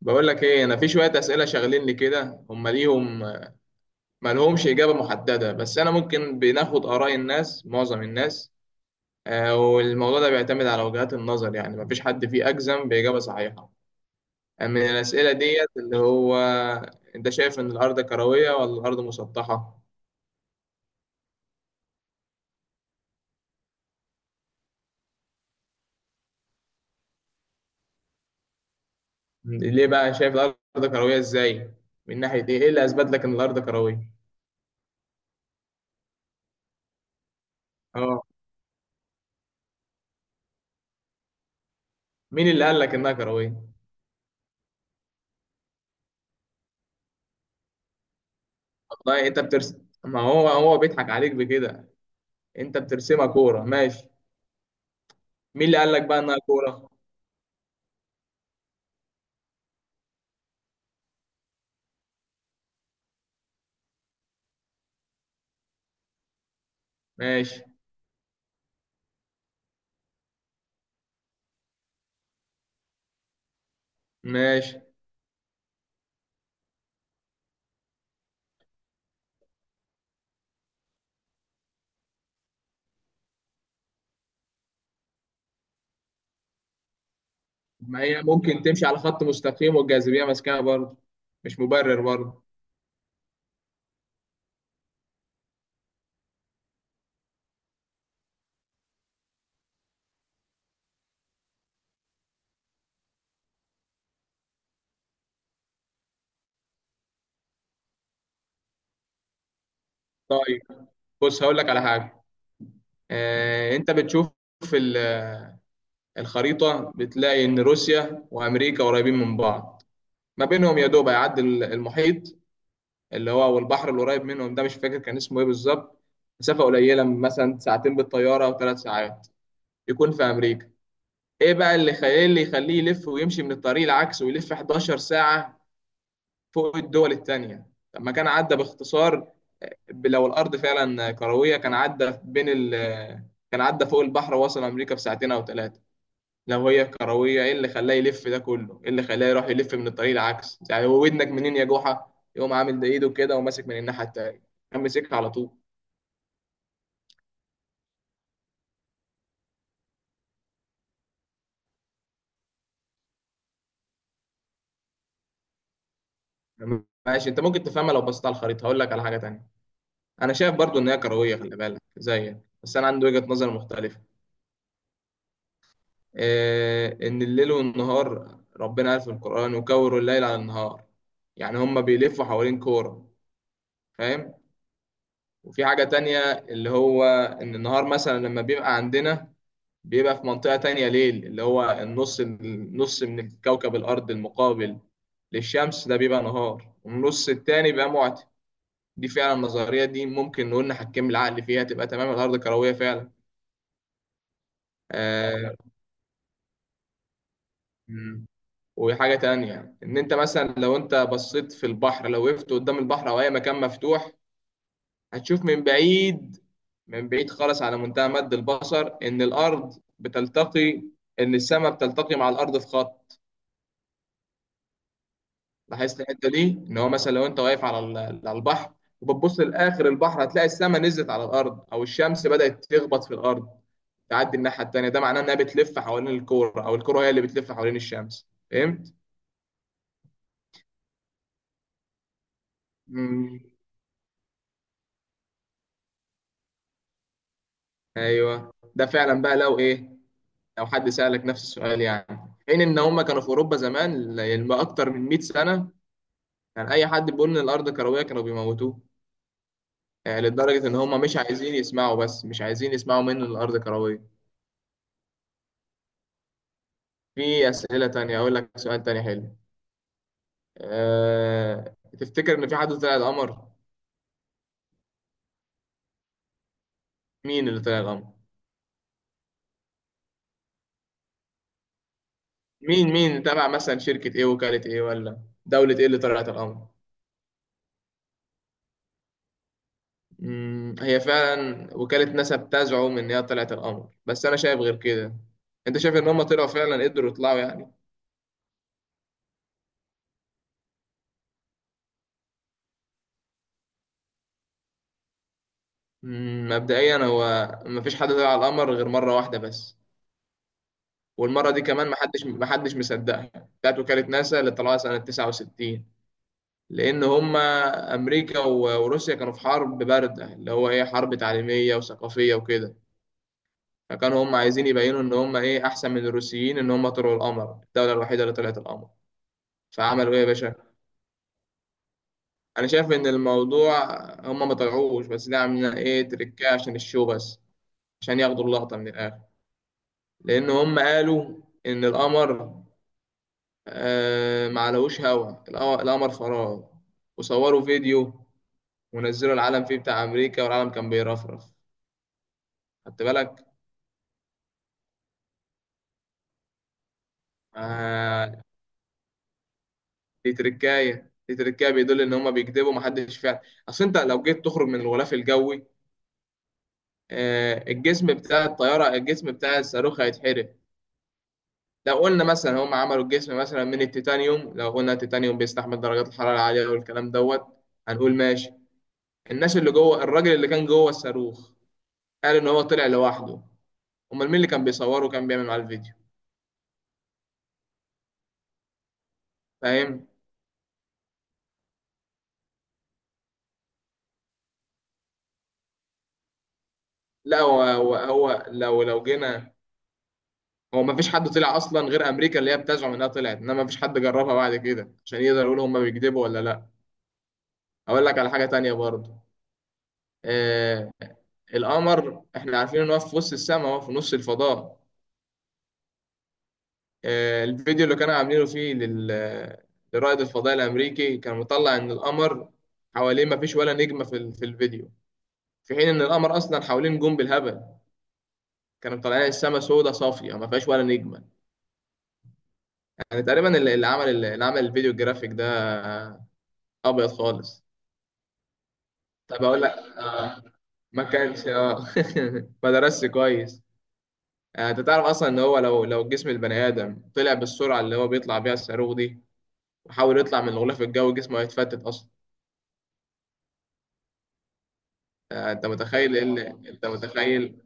بقول لك ايه، انا في شويه اسئله شاغليني كده. هم ليهم ما لهمش اجابه محدده، بس انا ممكن بناخد اراء الناس، معظم الناس. والموضوع ده بيعتمد على وجهات النظر، يعني ما فيش حد فيه اجزم باجابه صحيحه. من الاسئله ديت، اللي هو انت شايف ان الارض كرويه ولا الارض مسطحه؟ ليه بقى شايف الارض كرويه؟ ازاي؟ من ناحيه ايه اللي اثبت لك ان الارض كرويه؟ اه. مين اللي قال لك انها كرويه؟ والله انت بترسم، ما هو هو بيضحك عليك بكده. انت بترسمها كوره، ماشي. مين اللي قال لك بقى انها كوره؟ ماشي. ماشي. ما هي ممكن تمشي على خط مستقيم والجاذبيه ماسكاها برضه، مش مبرر برضه. طيب، بص هقول لك على حاجه. انت بتشوف في الخريطه، بتلاقي ان روسيا وامريكا قريبين من بعض. ما بينهم يا دوب هيعدي المحيط، اللي هو والبحر القريب منهم ده مش فاكر كان اسمه ايه بالظبط. مسافه قليله، مثلا ساعتين بالطياره او ثلاث ساعات، يكون في امريكا. ايه بقى اللي يخليه يلف ويمشي من الطريق العكس ويلف 11 ساعه فوق الدول التانية؟ لما كان عدى باختصار. لو الأرض فعلا كروية كان عدى فوق البحر ووصل أمريكا في ساعتين أو ثلاثة. لو هي كروية إيه اللي خلاه يلف ده كله؟ إيه اللي خلاه يروح يلف من الطريق العكس؟ يعني هو ودنك منين يا جحا؟ يقوم عامل ده إيده كده وماسك من الناحية التانية، كان ماسكها على طول. ماشي، أنت ممكن تفهمها لو بصيت على الخريطة. هقول لك على حاجة تانية. أنا شايف برضو إن هي كروية، خلي بالك زيك، بس أنا عندي وجهة نظر مختلفة. إن الليل والنهار، ربنا قال في القرآن وكوروا الليل على النهار، يعني هما بيلفوا حوالين كورة. فاهم؟ وفي حاجة تانية، اللي هو إن النهار مثلا لما بيبقى عندنا، بيبقى في منطقة تانية ليل. اللي هو النص من الكوكب الأرض المقابل للشمس ده بيبقى نهار، والنص التاني بيبقى معتم. دي فعلا النظرية دي ممكن نقول نحكم العقل فيها، تبقى تمام، الأرض كروية فعلا. آه، وحاجة تانية، إن أنت مثلا لو أنت بصيت في البحر، لو وقفت قدام البحر أو أي مكان مفتوح، هتشوف من بعيد، من بعيد خالص، على منتهى مد البصر، إن الأرض بتلتقي، إن السماء بتلتقي مع الأرض في خط. لاحظت الحتة دي؟ إن هو مثلا لو أنت واقف على على البحر وبتبص لآخر البحر، هتلاقي السماء نزلت على الأرض، أو الشمس بدأت تخبط في الأرض، تعدي الناحية التانية. ده معناه إنها بتلف حوالين الكورة، أو الكورة هي اللي بتلف حوالين الشمس. فهمت؟ ايوه، ده فعلا بقى لو حد سألك نفس السؤال يعني. حين ان هم كانوا في اوروبا زمان اكتر من 100 سنة، كان اي حد بيقول ان الارض كروية كانوا بيموتوه. لدرجة ان هم مش عايزين يسمعوا، بس مش عايزين يسمعوا منه ان الارض كروية. في اسئلة تانية. اقول لك سؤال تاني حلو. تفتكر ان في حد طلع القمر؟ مين اللي طلع القمر؟ مين؟ مين تبع مثلا شركة ايه؟ وكالة ايه ولا دولة ايه اللي طلعت القمر؟ هي فعلا وكالة ناسا بتزعم إن هي طلعت القمر، بس أنا شايف غير كده. أنت شايف إن هم طلعوا فعلا؟ قدروا يطلعوا يعني؟ مبدئيا هو مفيش حد طلع على القمر غير مرة واحدة بس. والمرة دي كمان محدش مصدقها، بتاعت وكالة ناسا اللي طلعوها سنة 69. لأن هم أمريكا وروسيا كانوا في حرب باردة، اللي هو إيه، حرب تعليمية وثقافية وكده. فكانوا هم عايزين يبينوا إن هم إيه، أحسن من الروسيين، إن هم طلعوا القمر، الدولة الوحيدة اللي طلعت القمر. فعملوا إيه يا باشا؟ انا شايف ان الموضوع هم ما طلعوش، بس ده عاملين ايه، تريكاه عشان الشو بس، عشان ياخدوا اللقطه من الاخر. لان هم قالوا ان القمر، آه ما علوش، هوا القمر، القمر فراغ. وصوروا فيديو ونزلوا العلم فيه بتاع امريكا والعلم كان بيرفرف. خدت بالك؟ آه دي تركايه، بيدل ان هم بيكذبوا، محدش فعلا. اصل انت لو جيت تخرج من الغلاف الجوي، آه الجسم بتاع الصاروخ هيتحرق. لو قلنا مثلا هم عملوا الجسم مثلا من التيتانيوم، لو قلنا التيتانيوم بيستحمل درجات الحرارة العالية والكلام دوت، هنقول ماشي. الناس اللي جوه، الراجل اللي كان جوه الصاروخ قال ان هو طلع لوحده. امال مين اللي كان بيصوره وكان بيعمل معاه الفيديو؟ فاهم؟ لا هو هو, هو لو جينا. هو ما فيش حد طلع اصلا غير امريكا اللي هي بتزعم انها طلعت، انما ما فيش حد جربها بعد كده عشان يقدر يقول هم بيكذبوا ولا لا. اقول لك على حاجة تانية برضه. آه القمر احنا عارفين ان هو في وسط السماء، هو في نص الفضاء. الفيديو اللي كانوا عاملينه فيه لرائد الفضاء الأمريكي كان مطلع إن القمر حواليه مفيش ولا نجمة في الفيديو، في حين إن القمر أصلا حواليه نجوم بالهبل. كانوا مطلعين السما سودة صافية ما فيهاش ولا نجمة. يعني تقريبا اللي عمل، الفيديو الجرافيك ده أبيض خالص. طب أقول لك آه. ما كانش آه ما درسش كويس. أنت تعرف أصلا إن هو لو جسم البني آدم طلع بالسرعة اللي هو بيطلع بيها الصاروخ دي وحاول يطلع من الغلاف الجوي، جسمه هيتفتت أصلا. انت متخيل ايه؟ اللي انت متخيل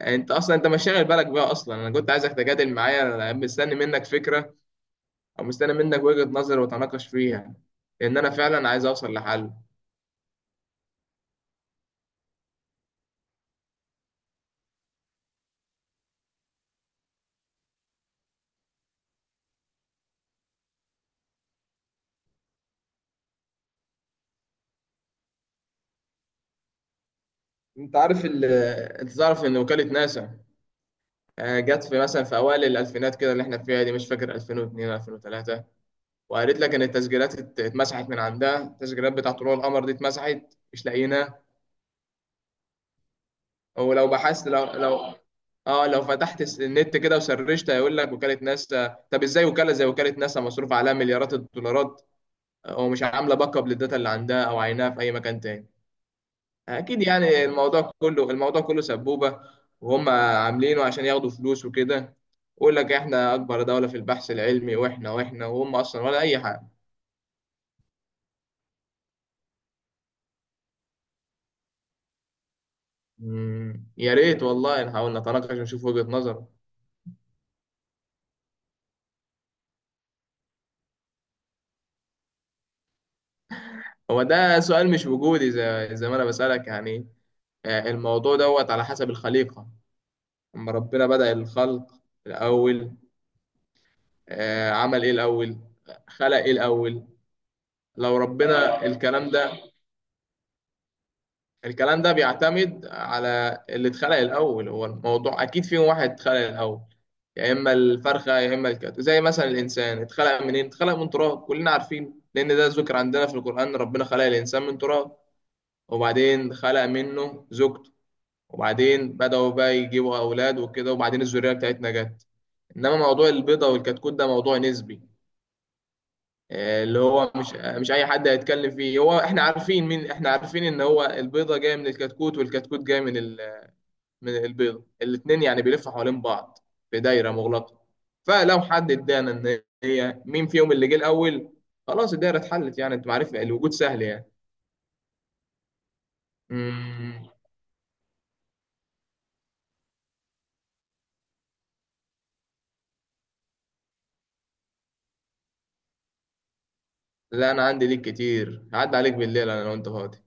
انت اصلا انت مش شاغل بالك بيها اصلا. انا كنت عايزك تجادل معايا، انا مستني منك فكره، او مستني منك وجهه نظر وتناقش فيها، لان انا فعلا عايز اوصل لحل. انت عارف ال... انت تعرف ان وكاله ناسا، جت في مثلا في اوائل الالفينات كده اللي احنا فيها دي، مش فاكر 2002 2003، وقالت لك ان التسجيلات اتمسحت من عندها، التسجيلات بتاع طلوع القمر دي اتمسحت مش لاقيينها. هو لو بحثت لو لو اه لو فتحت النت كده وسرشت هيقول لك وكالة ناسا. طب ازاي وكالة زي وكالة ناسا مصروف عليها مليارات الدولارات ومش عاملة باك اب للداتا اللي عندها او عينها في اي مكان تاني؟ اكيد يعني الموضوع كله سبوبة، وهم عاملينه عشان ياخدوا فلوس وكده. يقول لك احنا اكبر دولة في البحث العلمي واحنا واحنا وهم اصلا ولا اي حاجة. يا ريت والله نحاول نتناقش ونشوف وجهة نظر. هو ده سؤال مش وجودي، زي ما انا بسألك يعني. الموضوع دوت على حسب الخليقة. أما ربنا بدأ الخلق، الأول، عمل إيه الأول؟ خلق إيه الأول؟ لو ربنا الكلام ده الكلام ده بيعتمد على اللي اتخلق الأول. هو الموضوع أكيد فيهم واحد اتخلق الأول، يا إما الفرخة يا إما الكتف. زي مثلا الإنسان اتخلق منين؟ اتخلق من تراب كلنا عارفين، لأن ده ذكر عندنا في القرآن، ربنا خلق الإنسان من تراب، وبعدين خلق منه زوجته، وبعدين بدأوا بقى يجيبوا أولاد وكده، وبعدين الذرية بتاعتنا جت. انما موضوع البيضه والكتكوت ده موضوع نسبي. اللي هو مش اي حد هيتكلم فيه. هو احنا عارفين مين، احنا عارفين ان هو البيضه جايه من الكتكوت، والكتكوت جاي من من البيضه. الاثنين يعني بيلفوا حوالين بعض في دايره مغلقه. فلو حد ادانا ان هي مين فيهم اللي جه الاول، خلاص الدايره اتحلت يعني. انت معرفه الوجود سهل يعني. مم، لا انا عندي ليك كتير، هعدي عليك بالليل انا لو انت فاضي.